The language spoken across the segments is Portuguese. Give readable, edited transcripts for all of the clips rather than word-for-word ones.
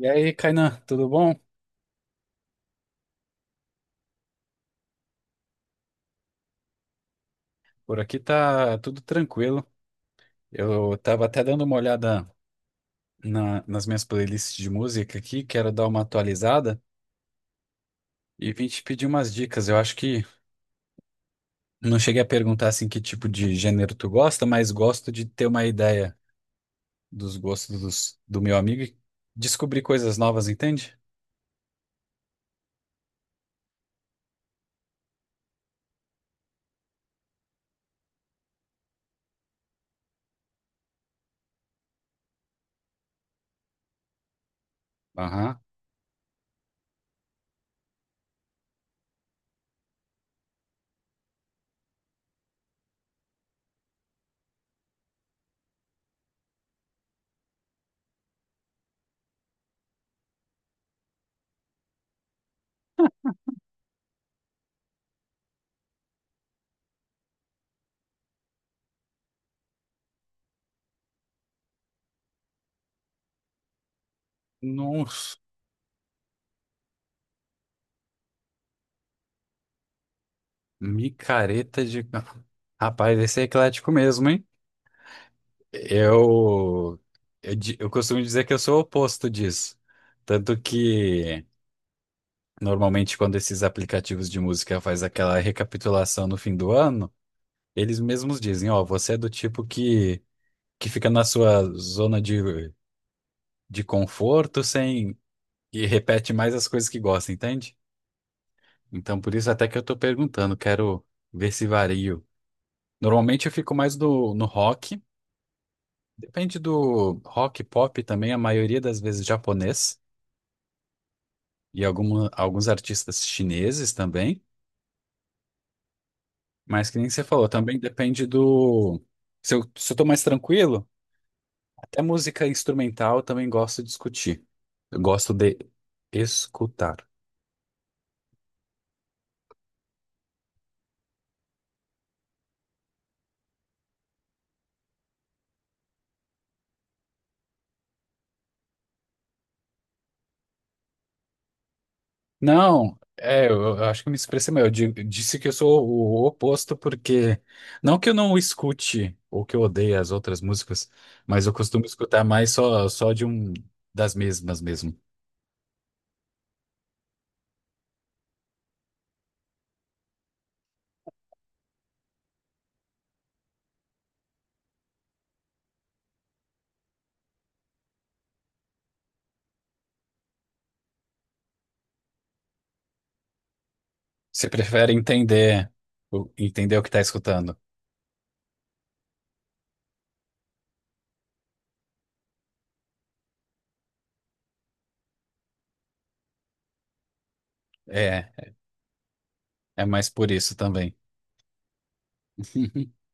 E aí, Kainan, tudo bom? Por aqui tá tudo tranquilo. Eu tava até dando uma olhada nas minhas playlists de música aqui, quero dar uma atualizada e vim te pedir umas dicas. Eu acho que não cheguei a perguntar assim que tipo de gênero tu gosta, mas gosto de ter uma ideia dos gostos do meu amigo e descobrir coisas novas, entende? Aham. Nossa, micareta de. Rapaz, esse é eclético mesmo, hein? Eu, eu costumo dizer que eu sou o oposto disso. Tanto que, normalmente, quando esses aplicativos de música faz aquela recapitulação no fim do ano, eles mesmos dizem, ó, você é do tipo que fica na sua zona de conforto sem, e repete mais as coisas que gosta, entende? Então, por isso até que eu tô perguntando, quero ver se vario. Normalmente eu fico mais no rock, depende do rock, pop também, a maioria das vezes japonês. E alguma, alguns artistas chineses também, mas que nem você falou, também depende do. Se eu tô mais tranquilo, até música instrumental eu também gosto de discutir. Eu gosto de escutar. Não, é, eu acho que eu me expressei mal. Disse que eu sou o oposto, porque não que eu não escute ou que eu odeie as outras músicas, mas eu costumo escutar mais só de um das mesmas mesmo. Você prefere entender, entender o que tá escutando. É. É mais por isso também.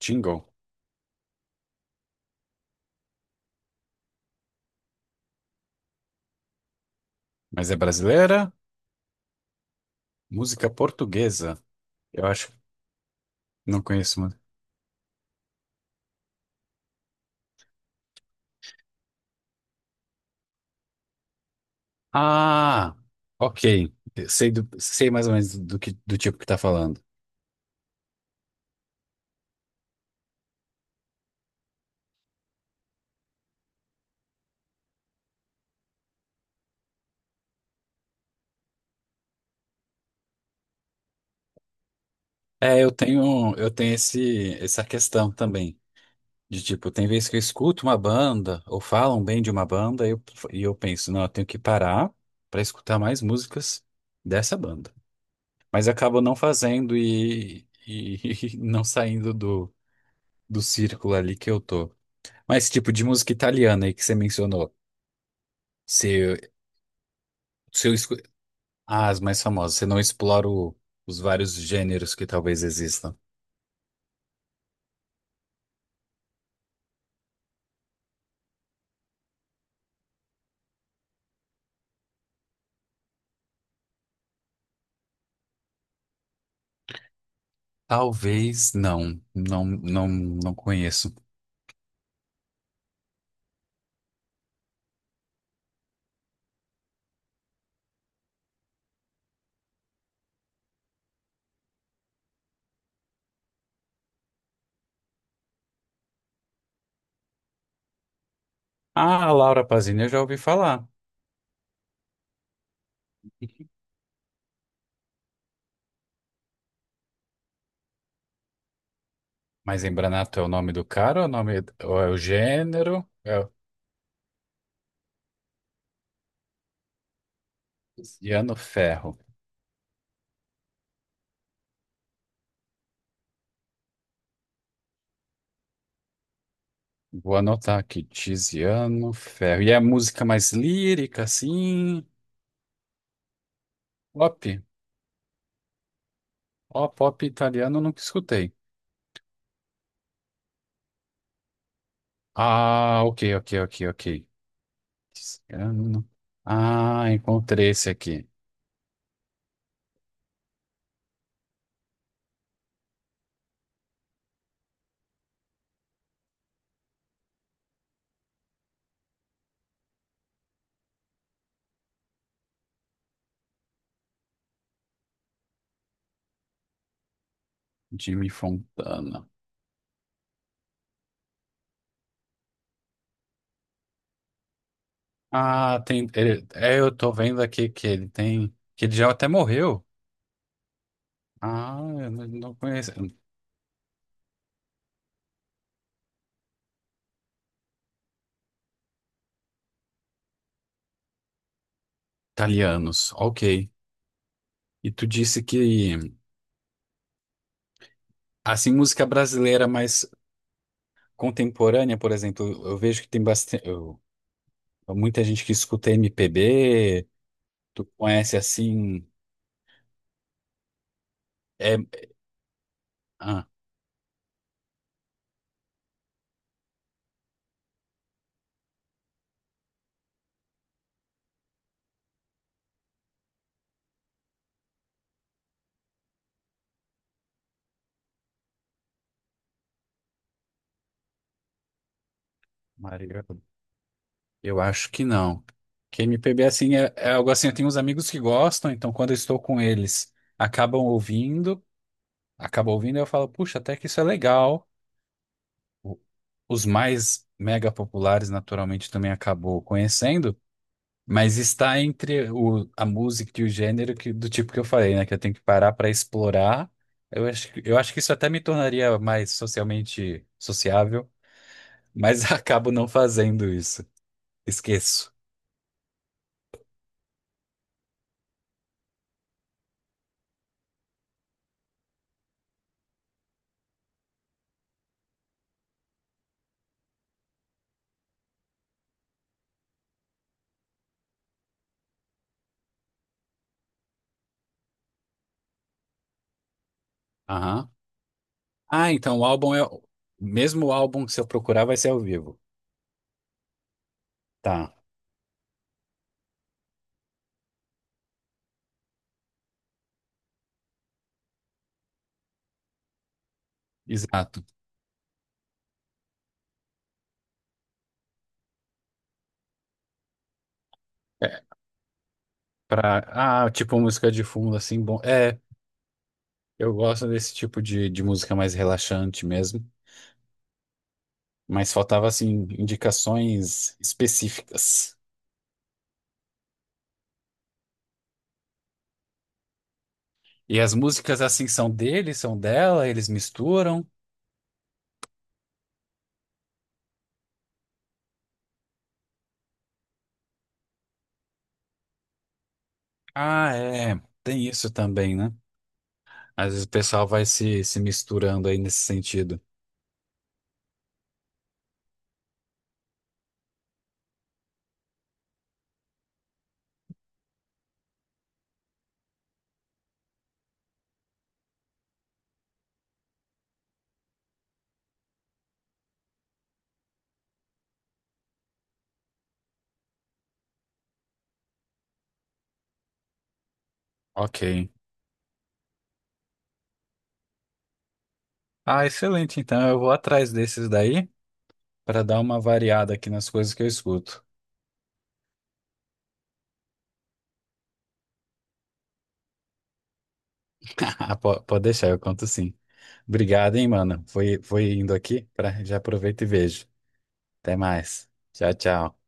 Jingle. Mas é brasileira? Música portuguesa. Eu acho que não conheço muito. Ah, ok. Sei, sei mais ou menos do que do tipo que tá falando. É, eu tenho esse essa questão também. De tipo, tem vezes que eu escuto uma banda ou falam bem de uma banda e eu penso, não, eu tenho que parar para escutar mais músicas dessa banda. Mas acabo não fazendo e não saindo do círculo ali que eu tô. Mas tipo de música italiana aí que você mencionou, se, se eu escu... Ah, as mais famosas, você não explora os vários gêneros que talvez existam. Talvez não conheço. Ah, a Laura Pausini eu já ouvi falar, mas Embranato é o nome do cara, ou é o nome ou é o gênero? É o Tiziano Ferro. Vou anotar aqui, Tiziano Ferro. E é música mais lírica, assim, pop. Ó, pop italiano eu nunca escutei. Ah, ok. Desgrama. Ah, encontrei esse aqui. Jimmy Fontana. Ah, tem. É, eu tô vendo aqui que ele tem. Que ele já até morreu. Ah, eu não conheço. Italianos, ok. E tu disse que, assim, música brasileira mais contemporânea, por exemplo, eu vejo que tem bastante. Muita gente que escuta MPB. Tu conhece assim. É, ah, Maria. Eu acho que não. Que MPB assim é, é algo assim, eu tenho uns amigos que gostam, então quando eu estou com eles, acabam ouvindo, acabam ouvindo, e eu falo, puxa, até que isso é legal. O- Os mais mega populares naturalmente também acabou conhecendo, mas está entre a música e o gênero do tipo que eu falei, né, que eu tenho que parar para explorar. Eu eu acho que isso até me tornaria mais socialmente sociável, mas acabo não fazendo isso. Esqueço. Aham. Ah, então o álbum é. Mesmo o álbum que se eu procurar vai ser ao vivo. Tá, exato. É, pra... Ah, tipo música de fundo, assim, bom. É, eu gosto desse tipo de música mais relaxante mesmo. Mas faltava, assim, indicações específicas. E as músicas, assim, são dele, são dela, eles misturam. Ah, é. Tem isso também, né? Às vezes o pessoal vai se, se misturando aí nesse sentido. Ok. Ah, excelente. Então eu vou atrás desses daí, para dar uma variada aqui nas coisas que eu escuto. Ah, pode deixar, eu conto sim. Obrigado, hein, mano. Foi, foi indo aqui, pra, já aproveito e vejo. Até mais. Tchau, tchau.